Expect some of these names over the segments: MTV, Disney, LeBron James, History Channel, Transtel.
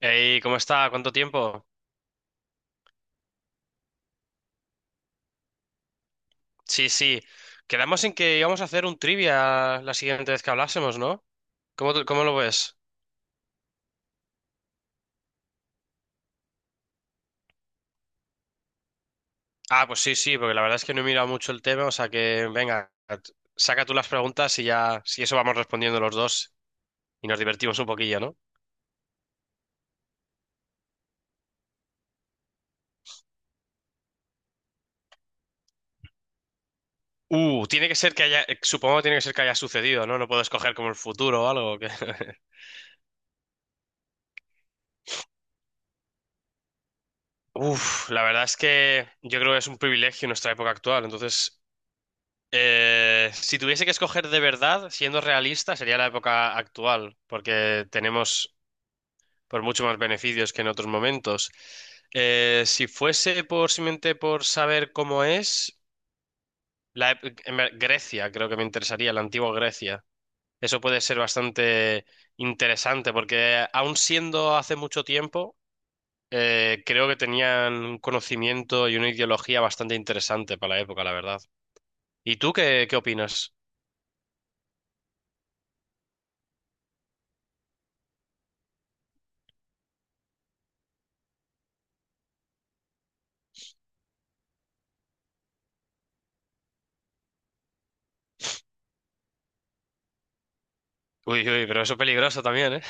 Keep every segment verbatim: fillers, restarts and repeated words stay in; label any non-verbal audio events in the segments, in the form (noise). Ey, ¿cómo está? ¿Cuánto tiempo? Sí, sí. Quedamos en que íbamos a hacer un trivia la siguiente vez que hablásemos, ¿no? ¿Cómo, te- cómo lo ves? Ah, pues sí, sí, porque la verdad es que no he mirado mucho el tema, o sea que, venga, t- saca tú las preguntas y ya, si eso vamos respondiendo los dos y nos divertimos un poquillo, ¿no? Uh, tiene que ser que haya, eh, supongo que tiene que ser que haya sucedido, ¿no? No puedo escoger como el futuro o algo. que- (laughs) Uf, la verdad es que yo creo que es un privilegio en nuestra época actual, entonces, Eh, si tuviese que escoger de verdad, siendo realista, sería la época actual, porque tenemos por mucho más beneficios que en otros momentos. Eh, si fuese por simplemente por saber cómo es, la, ep- en ver- Grecia, creo que me interesaría, la antigua Grecia. Eso puede ser bastante interesante, porque aun siendo hace mucho tiempo, eh, creo que tenían un conocimiento y una ideología bastante interesante para la época, la verdad. ¿Y tú qué, qué opinas? Uy, uy, pero eso es peligroso también.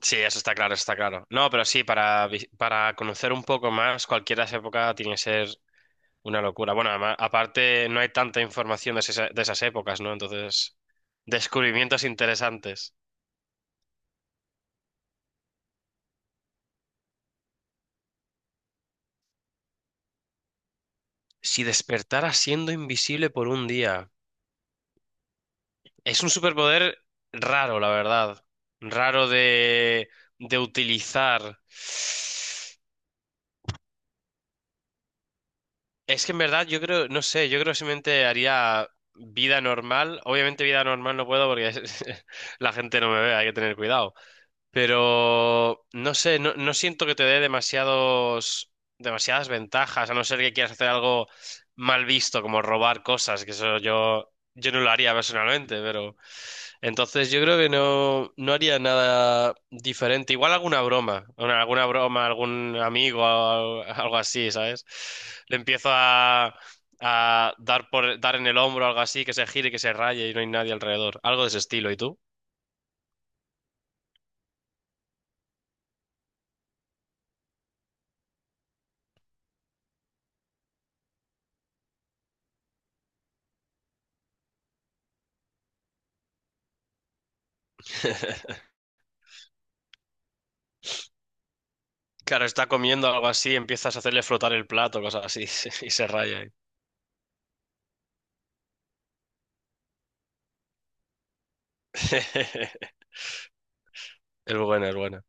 Sí, eso está claro, eso está claro. No, pero sí, para, vi- para conocer un poco más, cualquiera de esa época tiene que ser una locura. Bueno, además, aparte no hay tanta información de, esa- de esas épocas, ¿no? Entonces, descubrimientos interesantes. Si despertara siendo invisible por un día, es un superpoder raro, la verdad. Raro de, de utilizar. Es que en verdad yo creo, no sé, yo creo que simplemente haría vida normal. Obviamente vida normal no puedo porque es- (laughs) la gente no me ve, hay que tener cuidado. Pero no sé, no, no siento que te dé demasiados, demasiadas ventajas, a no ser que quieras hacer algo mal visto, como robar cosas, que eso yo, yo no lo haría personalmente, pero... Entonces yo creo que no, no haría nada diferente. Igual alguna broma, una- alguna broma, algún amigo, al- algo así, ¿sabes? Le empiezo a, a dar por, dar en el hombro, algo así, que se gire, que se raye y no hay nadie alrededor. Algo de ese estilo, ¿y tú? (laughs) Claro, está comiendo algo así, empiezas a hacerle flotar el plato, cosas así, (laughs) y se raya ahí. (laughs) Es buena, es buena.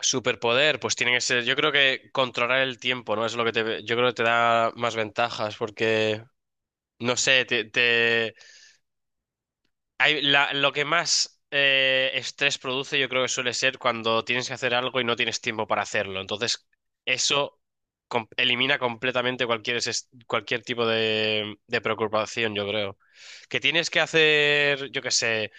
Superpoder, pues tiene que ser, yo creo que controlar el tiempo, ¿no? Es lo que te, yo creo que te da más ventajas, porque no sé, te, te- hay- la- lo que más eh, estrés produce yo creo que suele ser cuando tienes que hacer algo y no tienes tiempo para hacerlo. Entonces, eso com- elimina completamente cualquier, es- cualquier tipo de, de preocupación, yo creo. Que tienes que hacer, yo qué sé,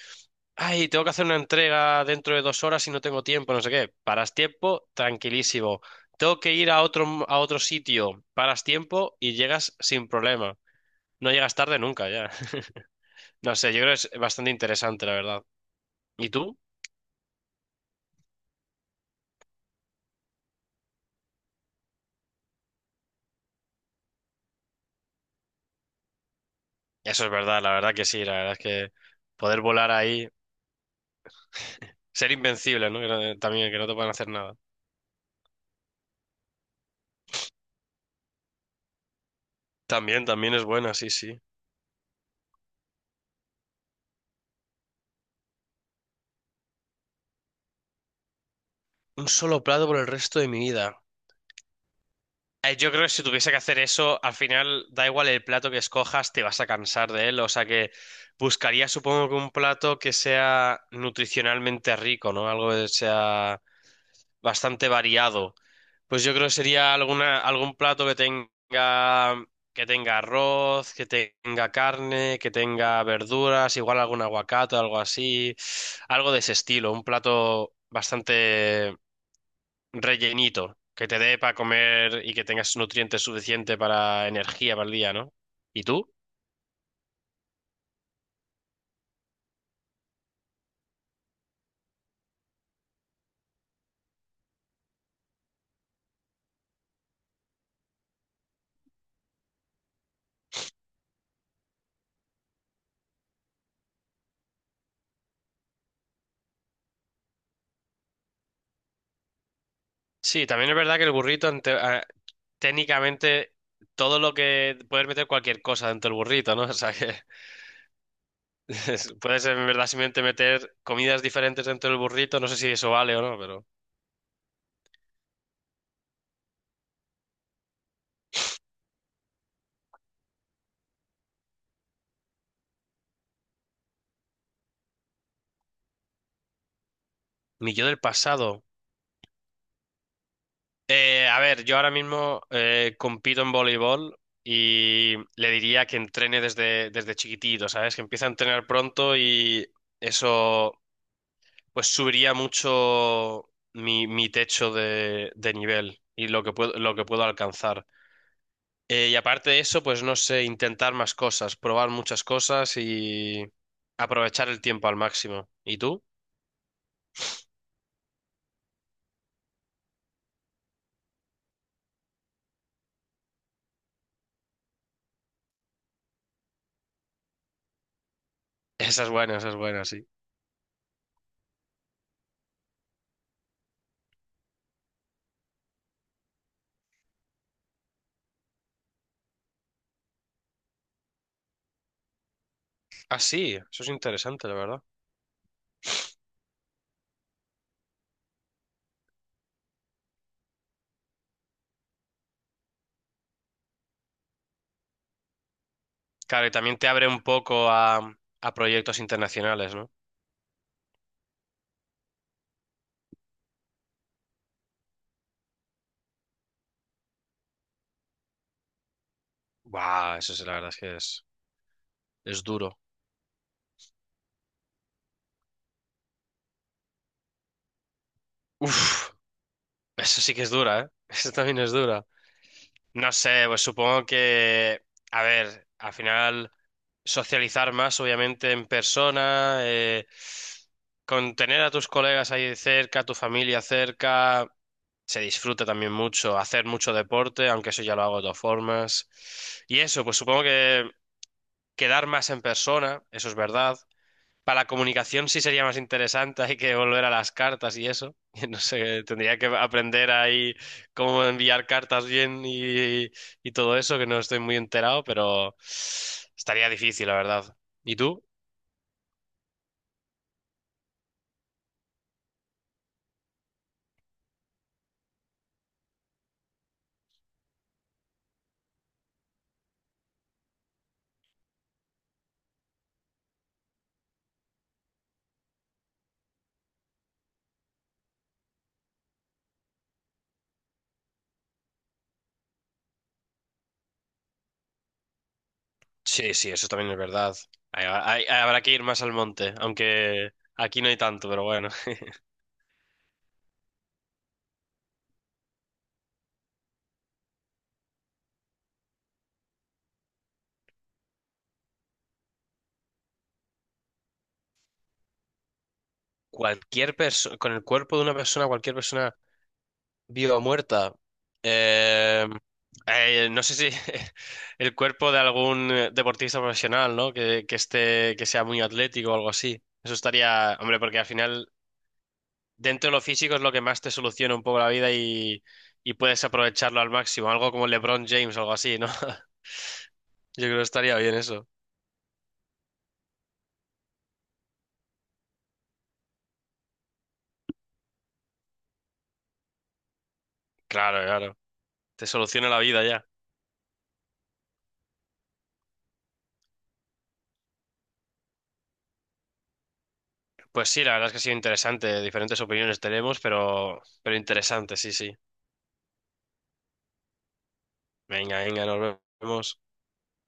ay, tengo que hacer una entrega dentro de dos horas y no tengo tiempo, no sé qué. Paras tiempo, tranquilísimo. Tengo que ir a otro, a otro sitio, paras tiempo y llegas sin problema. No llegas tarde nunca, ya. (laughs) No sé, yo creo que es bastante interesante, la verdad. ¿Y tú? Eso es verdad, la verdad que sí, la verdad es que poder volar ahí, ser invencible, ¿no? Que no- eh, también, que no te puedan hacer nada. También, también es buena, sí, sí. Un solo plato por el resto de mi vida. Eh, Yo creo que si tuviese que hacer eso, al final da igual el plato que escojas, te vas a cansar de él. O sea que buscaría, supongo que un plato que sea nutricionalmente rico, ¿no? Algo que sea bastante variado. Pues yo creo que sería alguna, algún plato que tenga, que tenga arroz, que tenga carne, que tenga verduras, igual algún aguacate, algo así, algo de ese estilo, un plato bastante rellenito, que te dé para comer y que tengas nutrientes suficientes para energía para el día, ¿no? ¿Y tú? Sí, también es verdad que el burrito, ante- a- técnicamente, todo lo que puedes meter cualquier cosa dentro del burrito, ¿no? (laughs) O sea que... (laughs) Es- Puedes en verdad simplemente meter comidas diferentes dentro del burrito, no sé si eso vale o no, pero... Mi yo del pasado. Eh, a ver, yo ahora mismo eh, compito en voleibol y le diría que entrene desde, desde chiquitito, ¿sabes? Que empiece a entrenar pronto y eso pues subiría mucho mi, mi techo de, de nivel y lo que puedo, lo que puedo alcanzar. Eh, y aparte de eso, pues no sé, intentar más cosas, probar muchas cosas y aprovechar el tiempo al máximo. ¿Y tú? (laughs) Esa es buena, esa es buena, sí. Ah, sí, eso es interesante, la verdad. Claro, y también te abre un poco a, a proyectos internacionales, ¿no? Buah, eso es, la verdad es que es, es duro. Uf, (laughs) eso sí que es dura, ¿eh? (laughs) Eso también es dura. No sé, pues supongo que, a ver, al final socializar más, obviamente, en persona, eh, con tener a tus colegas ahí cerca, a tu familia cerca, se disfruta también mucho, hacer mucho deporte, aunque eso ya lo hago de todas formas. Y eso, pues supongo que quedar más en persona, eso es verdad. Para la comunicación sí sería más interesante, hay que volver a las cartas y eso. (laughs) No sé, tendría que aprender ahí cómo enviar cartas bien y, y todo eso, que no estoy muy enterado, pero estaría difícil, la verdad. ¿Y tú? Sí, sí, eso también es verdad. Hay- hay- habrá que ir más al monte, aunque aquí no hay tanto, pero bueno. (laughs) Cualquier persona, con el cuerpo de una persona, cualquier persona viva o muerta. Eh, eh, no sé si (laughs) el cuerpo de algún eh, deportista profesional, ¿no? Que, que esté, que sea muy atlético o algo así. Eso estaría, hombre, porque al final, dentro de lo físico es lo que más te soluciona un poco la vida y, y puedes aprovecharlo al máximo. Algo como LeBron James, algo así, ¿no? (laughs) Yo creo que estaría bien eso. Claro, claro. Te soluciona la vida ya. Pues sí, la verdad es que ha sido interesante. Diferentes opiniones tenemos, pero, pero interesante, sí, sí. Venga, venga, nos vemos.